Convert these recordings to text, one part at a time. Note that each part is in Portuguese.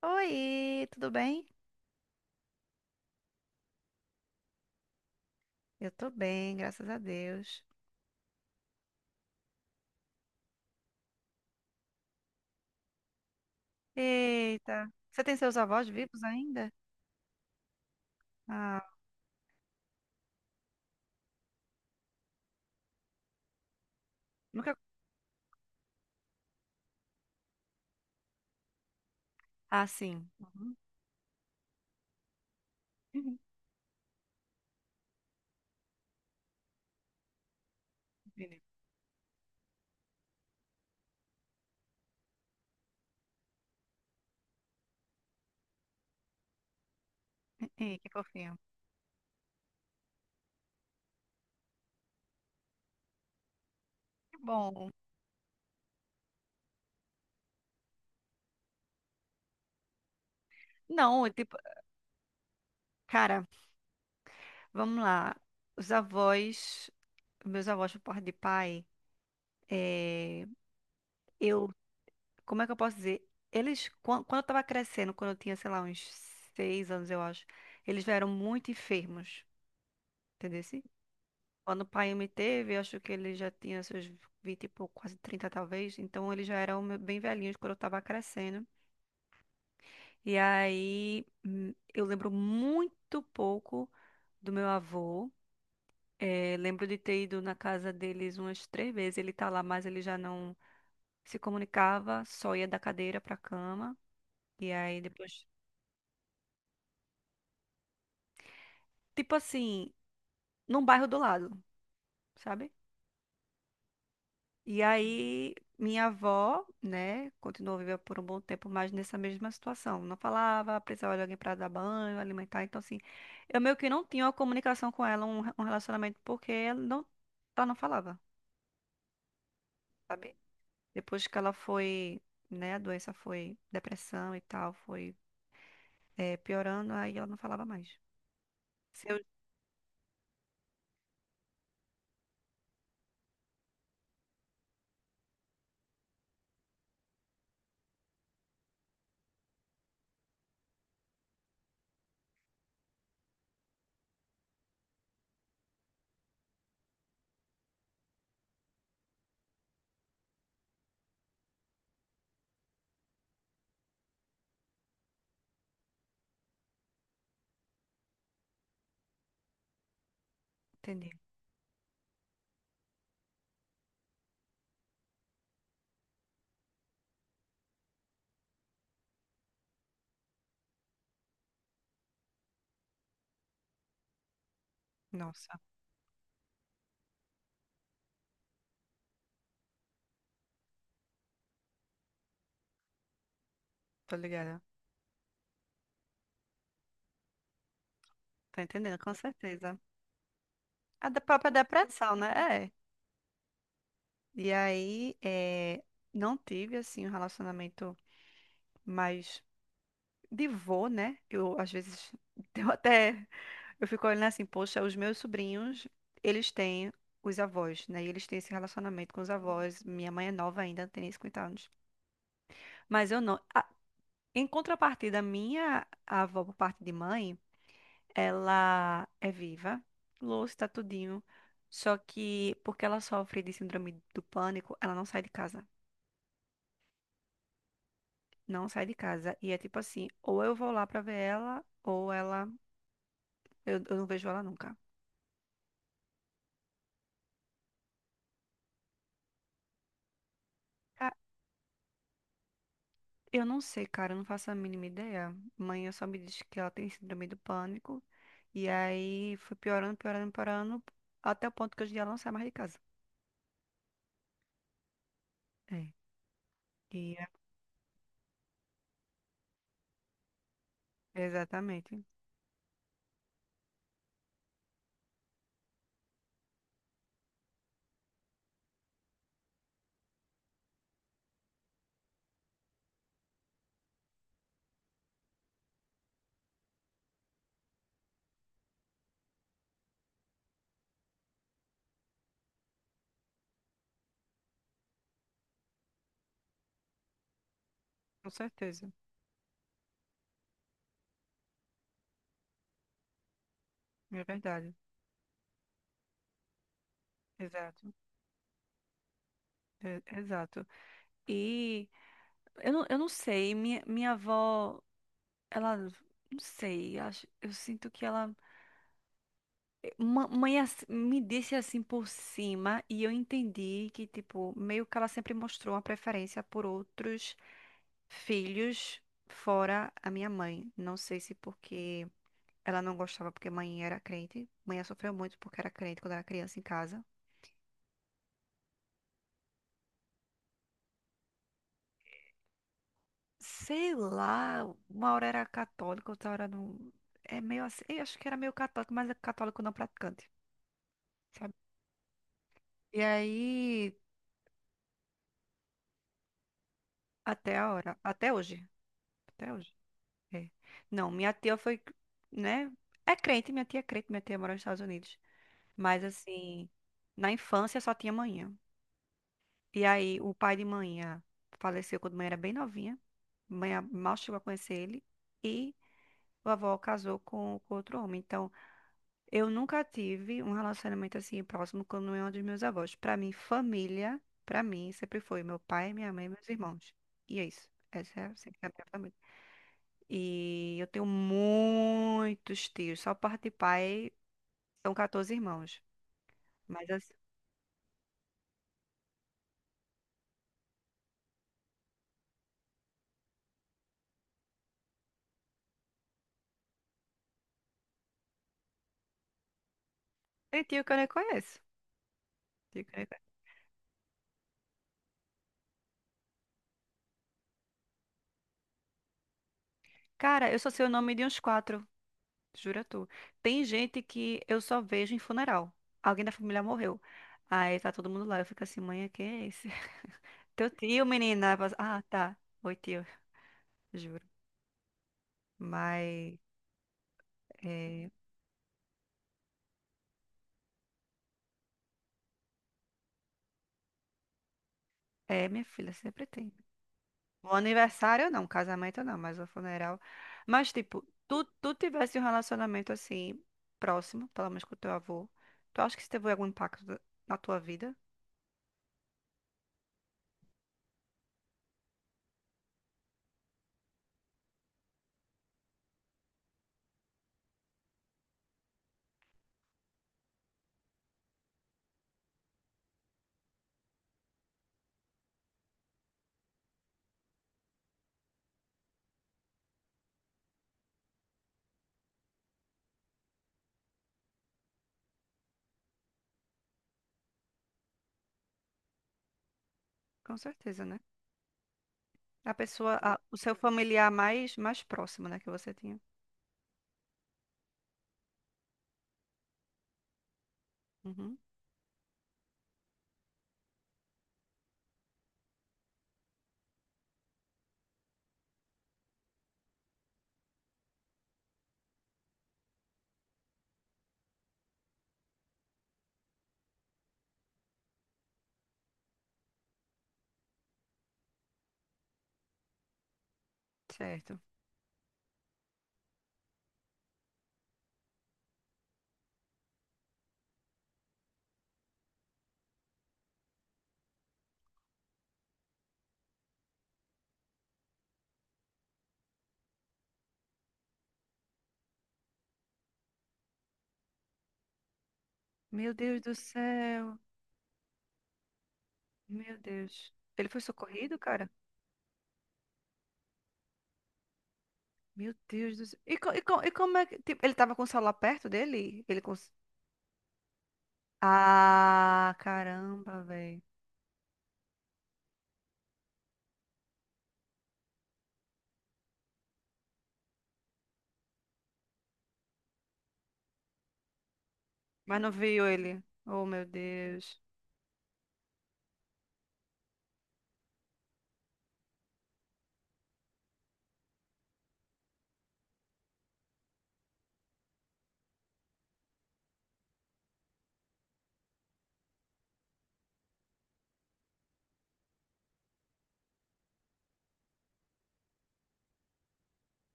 Oi, tudo bem? Eu tô bem, graças a Deus. Eita, você tem seus avós vivos ainda? Ah, nunca. Ah, sim. Uhum. Vini. Ih, que fofinho. Que bom. Não, tipo, cara, vamos lá. Os avós, meus avós por parte de pai, eh, eu, como é que eu posso dizer? Eles, quando eu tava crescendo, quando eu tinha, sei lá, uns 6 anos, eu acho, eles vieram muito enfermos, entendeu? Quando o pai me teve, eu acho que ele já tinha seus 20 e pouco, quase 30 talvez. Então ele já era um bem velhinho quando eu tava crescendo. E aí eu lembro muito pouco do meu avô. Lembro de ter ido na casa deles umas 3 vezes. Ele tá lá, mas ele já não se comunicava, só ia da cadeira pra cama. E aí depois, tipo assim, num bairro do lado, sabe? E aí, minha avó, né, continuou vivendo por um bom tempo, mas nessa mesma situação. Não falava, precisava de alguém para dar banho, alimentar. Então, assim, eu meio que não tinha uma comunicação com ela, um relacionamento, porque ela não falava, sabe? Depois que ela foi, né, a doença foi depressão e tal, foi piorando, aí ela não falava mais. Se eu entendi. Nossa, tô ligada. Tô entendendo, com certeza. A da própria depressão, né? É. E aí, não tive, assim, um relacionamento mais de vô, né? Eu, às vezes, eu até. Eu fico olhando assim, poxa, os meus sobrinhos, eles têm os avós, né? E eles têm esse relacionamento com os avós. Minha mãe é nova ainda, tem nem 50 anos. Mas eu não. Ah, em contrapartida, minha avó, por parte de mãe, ela é viva, lúcida, tudinho. Só que, porque ela sofre de síndrome do pânico, ela não sai de casa. Não sai de casa. E é tipo assim, ou eu vou lá pra ver ela, ou ela. Eu não vejo ela nunca. Ah, eu não sei, cara, eu não faço a mínima ideia. Mãe só me disse que ela tem síndrome do pânico. E aí foi piorando, piorando, piorando, até o ponto que hoje em dia ela não sai mais de casa. É. E exatamente. Com certeza. É verdade. Exato. Exato. E eu não sei, minha avó, ela. Não sei, acho, eu sinto que ela. Mãe me disse assim por cima e eu entendi que, tipo, meio que ela sempre mostrou uma preferência por outros filhos fora a minha mãe. Não sei se porque ela não gostava porque mãe era crente. Mãe sofreu muito porque era crente quando era criança em casa. Sei lá, uma hora era católica, outra hora não. É meio assim, eu acho que era meio católico, mas é católico não praticante, sabe? E aí, até a hora, até hoje, até hoje. É. Não, minha tia foi, né? É crente, minha tia é crente, minha tia mora nos Estados Unidos. Mas assim, na infância só tinha manhã. E aí o pai de manhã faleceu quando mãe era bem novinha. Mãe mal chegou a conhecer ele. E vovó casou com outro homem. Então, eu nunca tive um relacionamento assim próximo com nenhum dos meus avós. Pra mim, família, pra mim, sempre foi meu pai, minha mãe, e meus irmãos. E é isso. Essa é sempre a minha família. E eu tenho muitos tios. Só parte de pai são 14 irmãos. Mas assim, tem tio que eu nem conheço. Tio que eu nem conheço. Cara, eu só sei o nome de uns quatro, jura tu. Tem gente que eu só vejo em funeral. Alguém da família morreu. Aí tá todo mundo lá. Eu fico assim, mãe, quem é esse? Teu tio, menina. Aí fala assim, ah, tá. Oi, tio, juro. Mas é, é, minha filha, sempre tem. O aniversário não, casamento não, mas o funeral. Mas, tipo, tu tivesse um relacionamento assim, próximo, pelo menos com o teu avô, tu acha que isso teve algum impacto na tua vida? Com certeza, né? A pessoa, o seu familiar mais próximo, né, que você tinha. Uhum, certo. Meu Deus do céu. Meu Deus. Ele foi socorrido, cara? Meu Deus do céu. E como é que. Tipo, ele tava com o celular perto dele? Ele cons. Ah, caramba, velho. Mas não viu ele. Oh, meu Deus.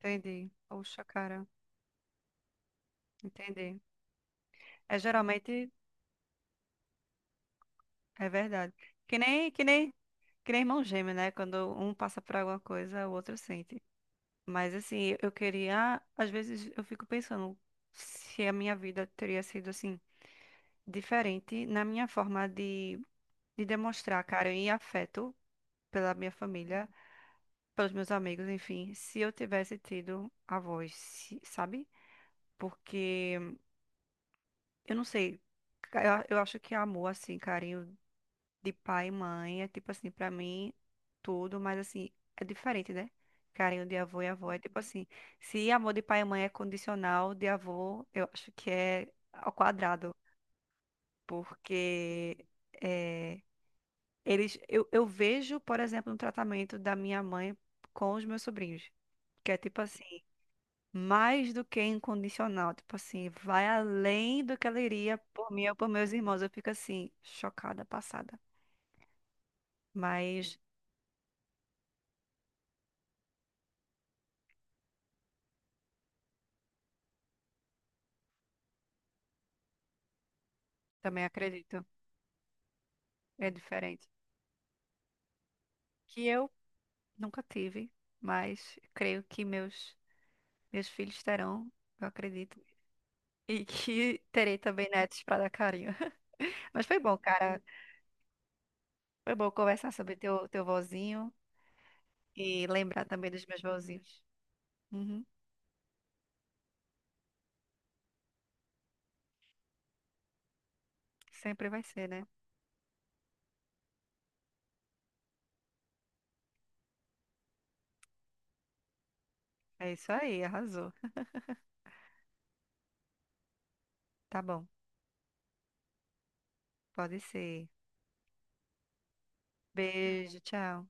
Entendi. Poxa, cara. Entendi. É geralmente é verdade. Que nem, que nem, que nem irmão gêmeo, né? Quando um passa por alguma coisa, o outro sente. Mas assim, eu queria, às vezes eu fico pensando se a minha vida teria sido assim diferente na minha forma de demonstrar carinho e afeto pela minha família, pelos meus amigos, enfim, se eu tivesse tido a voz, sabe? Porque eu não sei. Eu acho que amor, assim, carinho de pai e mãe é tipo assim, pra mim, tudo, mas assim, é diferente, né? Carinho de avô e avó é tipo assim. Se amor de pai e mãe é condicional, de avô, eu acho que é ao quadrado. Porque é, eles, eu vejo, por exemplo, no tratamento da minha mãe com os meus sobrinhos. Que é tipo assim, mais do que incondicional, tipo assim, vai além do que ela iria por mim ou por meus irmãos. Eu fico assim, chocada, passada. Mas também acredito, é diferente. Que eu nunca tive, mas creio que meus filhos terão, eu acredito. E que terei também netos para dar carinho. Mas foi bom, cara. Foi bom conversar sobre teu vozinho e lembrar também dos meus vozinhos. Uhum. Sempre vai ser, né? É isso aí, arrasou. Tá bom, pode ser. Beijo, tchau.